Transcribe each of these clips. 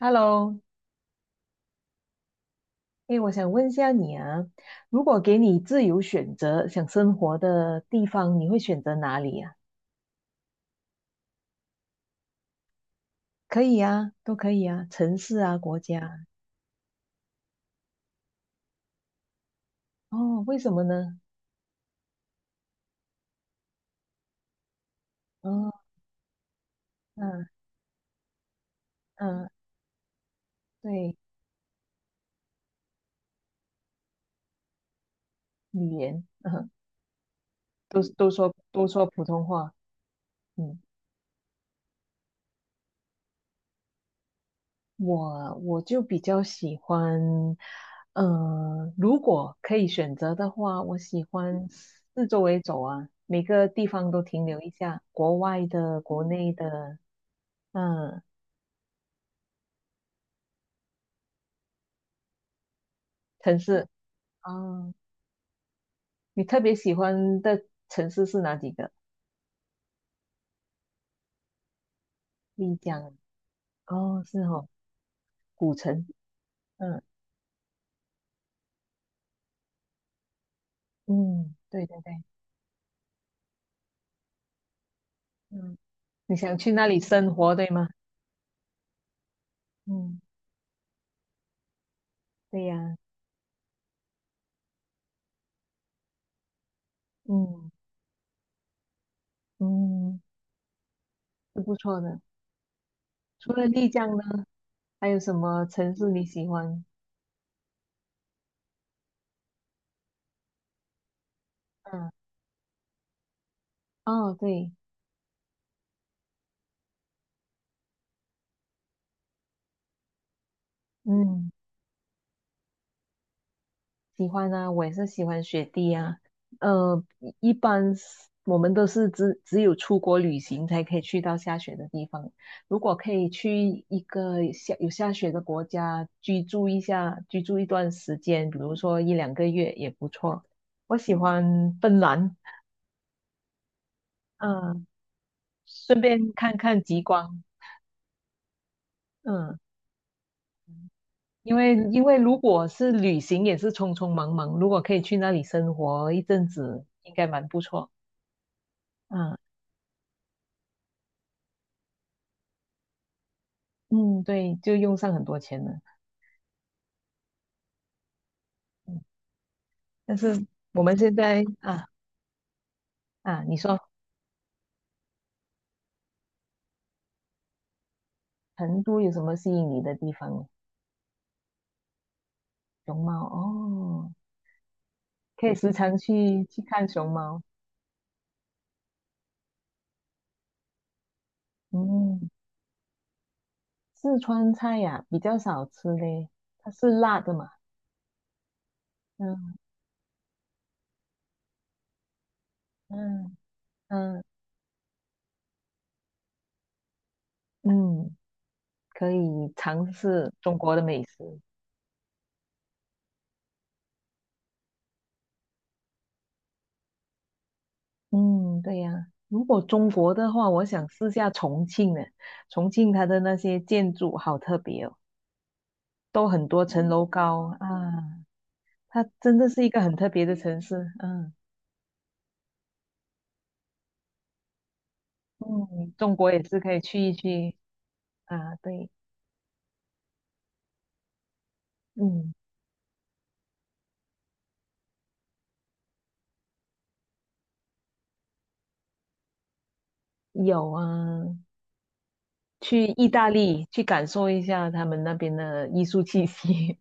Hello。哎，我想问一下你啊，如果给你自由选择想生活的地方，你会选择哪里啊？可以啊，都可以啊，城市啊，国家啊。哦，为什么呢？哦，嗯嗯，对，语言，嗯，都说普通话。嗯，我就比较喜欢，如果可以选择的话，我喜欢四周围走啊，每个地方都停留一下，国外的、国内的。嗯，城市。哦，你特别喜欢的城市是哪几个？丽江。哦，是哦，古城。嗯嗯，对对对。嗯，你想去那里生活，对吗？嗯，对呀。嗯嗯，是不错的。除了丽江呢，还有什么城市你喜欢？嗯，哦，对，嗯。喜欢啊，我也是喜欢雪地啊。呃，一般是我们都是只有出国旅行才可以去到下雪的地方。如果可以去一个有下雪的国家居住一下，居住一段时间，比如说一两个月也不错。我喜欢芬兰，嗯，顺便看看极光。嗯。因为如果是旅行也是匆匆忙忙，如果可以去那里生活一阵子，应该蛮不错。嗯，嗯，对，就用上很多钱了。嗯，但是我们现在啊啊，你说成都有什么吸引你的地方。熊猫哦，可以时常去看熊猫。嗯，四川菜呀、比较少吃嘞，它是辣的嘛。嗯嗯嗯嗯，可以尝试中国的美食。嗯，对呀、如果中国的话，我想试下重庆呢。重庆它的那些建筑好特别哦。都很多层楼高啊，它真的是一个很特别的城市。嗯嗯，中国也是可以去一去啊。对，嗯，有啊，去意大利去感受一下他们那边的艺术气息，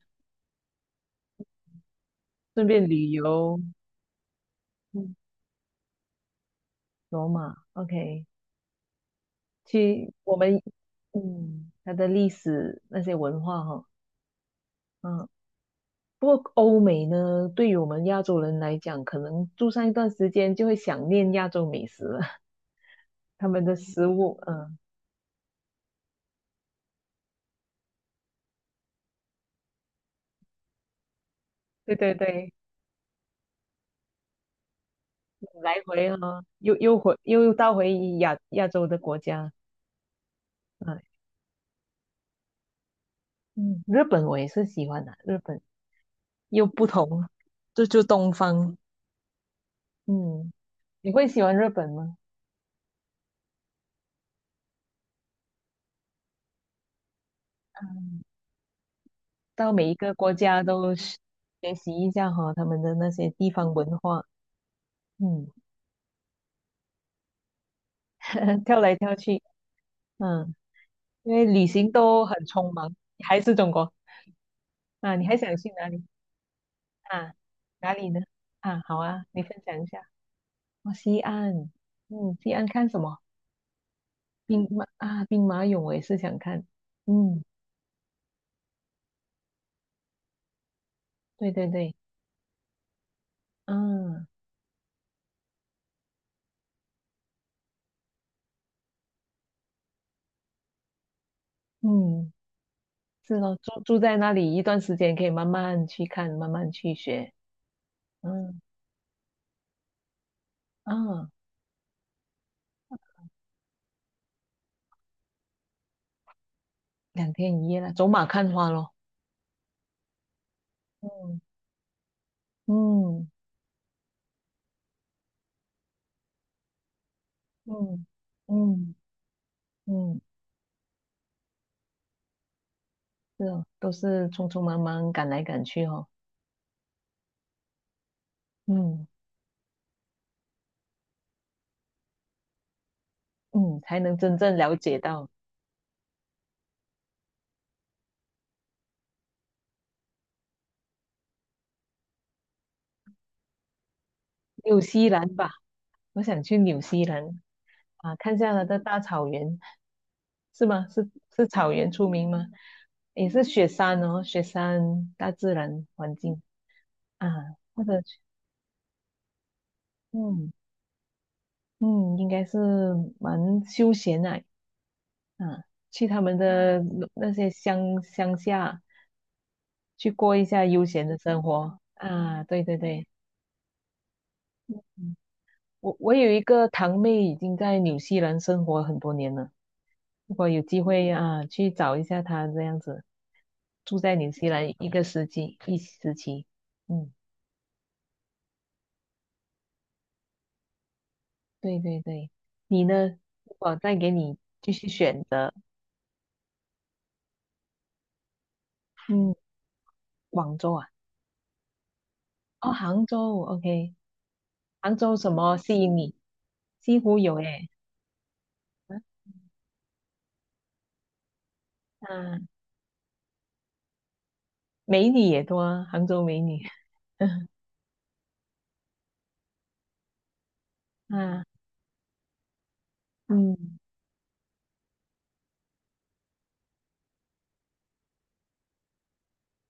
顺便旅游。嗯，罗马，OK。去我们嗯它的历史那些文化哈。嗯。不过欧美呢，对于我们亚洲人来讲，可能住上一段时间就会想念亚洲美食了。他们的食物，嗯，对对对，来回哦，又回到亚洲的国家。嗯嗯，日本我也是喜欢的，日本又不同 就东方。嗯，你会喜欢日本吗？到每一个国家都是学习一下哈，他们的那些地方文化。嗯，跳来跳去。嗯，因为旅行都很匆忙，还是中国。啊？你还想去哪里？啊，哪里呢？啊，好啊，你分享一下。哦，西安。嗯，西安看什么？兵马俑，我也是想看。嗯，对对对，啊，嗯，是咯，住在那里一段时间，可以慢慢去看，慢慢去学。嗯啊，2天1夜了，走马看花咯。嗯嗯嗯嗯嗯，是哦，都是匆匆忙忙赶来赶去哦。嗯嗯，才能真正了解到。纽西兰吧。我想去纽西兰啊，看下拿的大草原，是吗？是是草原出名吗？也是雪山哦，雪山大自然环境啊，或者去嗯嗯，应该是蛮休闲的啊，去他们的那些乡下去过一下悠闲的生活啊。对对对，嗯我有一个堂妹已经在纽西兰生活很多年了。如果有机会啊，去找一下她这样子，住在纽西兰一个时期。嗯，对对对。你呢？我再给你继续选择。嗯，广州啊。哦，杭州，OK。杭州什么吸引你？西湖有诶。嗯，美女也多啊，杭州美女，啊，嗯。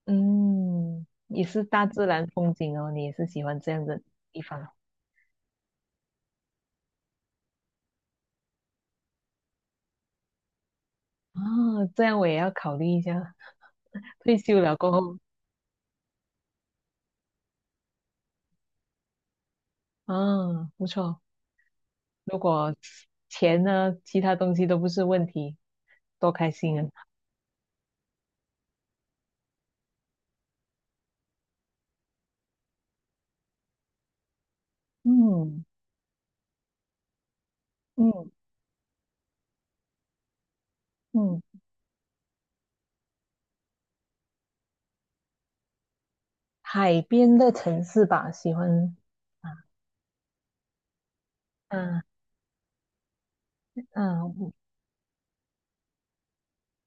嗯，也是大自然风景哦，你也是喜欢这样的地方啊。这样我也要考虑一下。退休了过后，啊，不错。如果钱呢，其他东西都不是问题，多开心啊！嗯嗯嗯，海边的城市吧，喜欢啊，嗯、啊嗯、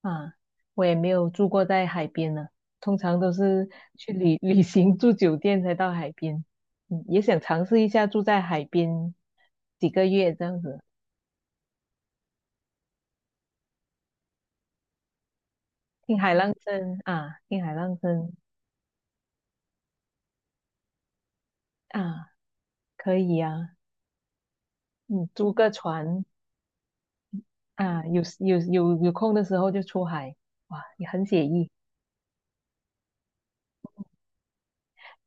啊，我也没有住过在海边呢，通常都是去 旅行住酒店才到海边。嗯，也想尝试一下住在海边几个月这样子，听海浪声啊，听海浪声啊，可以啊。嗯，租个船啊，有空的时候就出海。哇，也很写意。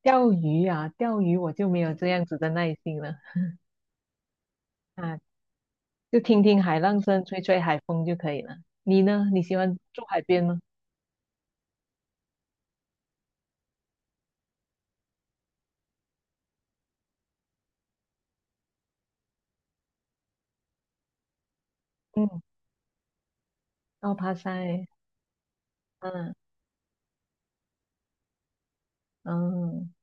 钓鱼啊，钓鱼我就没有这样子的耐心了。啊，就听听海浪声，吹吹海风就可以了。你呢？你喜欢住海边吗？嗯。哦，爬山嗯嗯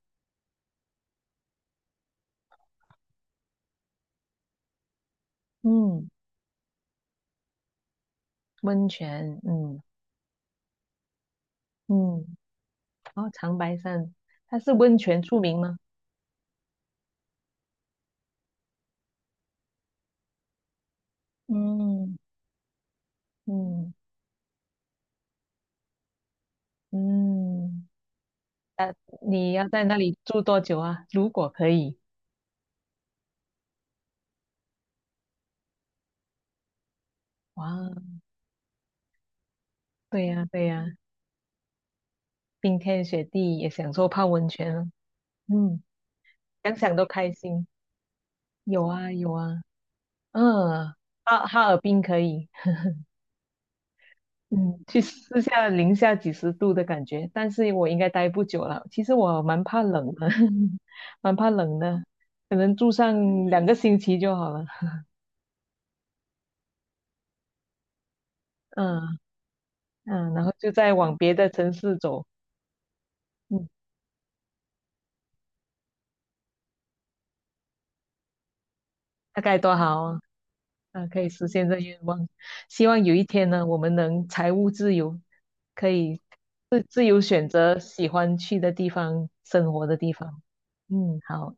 嗯，温泉，嗯嗯，哦，长白山，它是温泉著名吗？嗯嗯嗯，你要在那里住多久啊？如果可以，哇，对呀对呀，冰天雪地也享受泡温泉了。嗯，想想都开心。有啊有啊，嗯，哈尔滨可以。嗯，去试下零下几十度的感觉，但是我应该待不久了。其实我蛮怕冷的，蛮怕冷的，可能住上2个星期就好了。嗯嗯，然后就再往别的城市走。嗯，大概多好啊！嗯，可以实现这愿望。希望有一天呢，我们能财务自由，可以自由选择喜欢去的地方、生活的地方。嗯，好。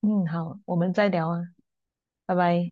嗯，好，我们再聊啊。拜拜。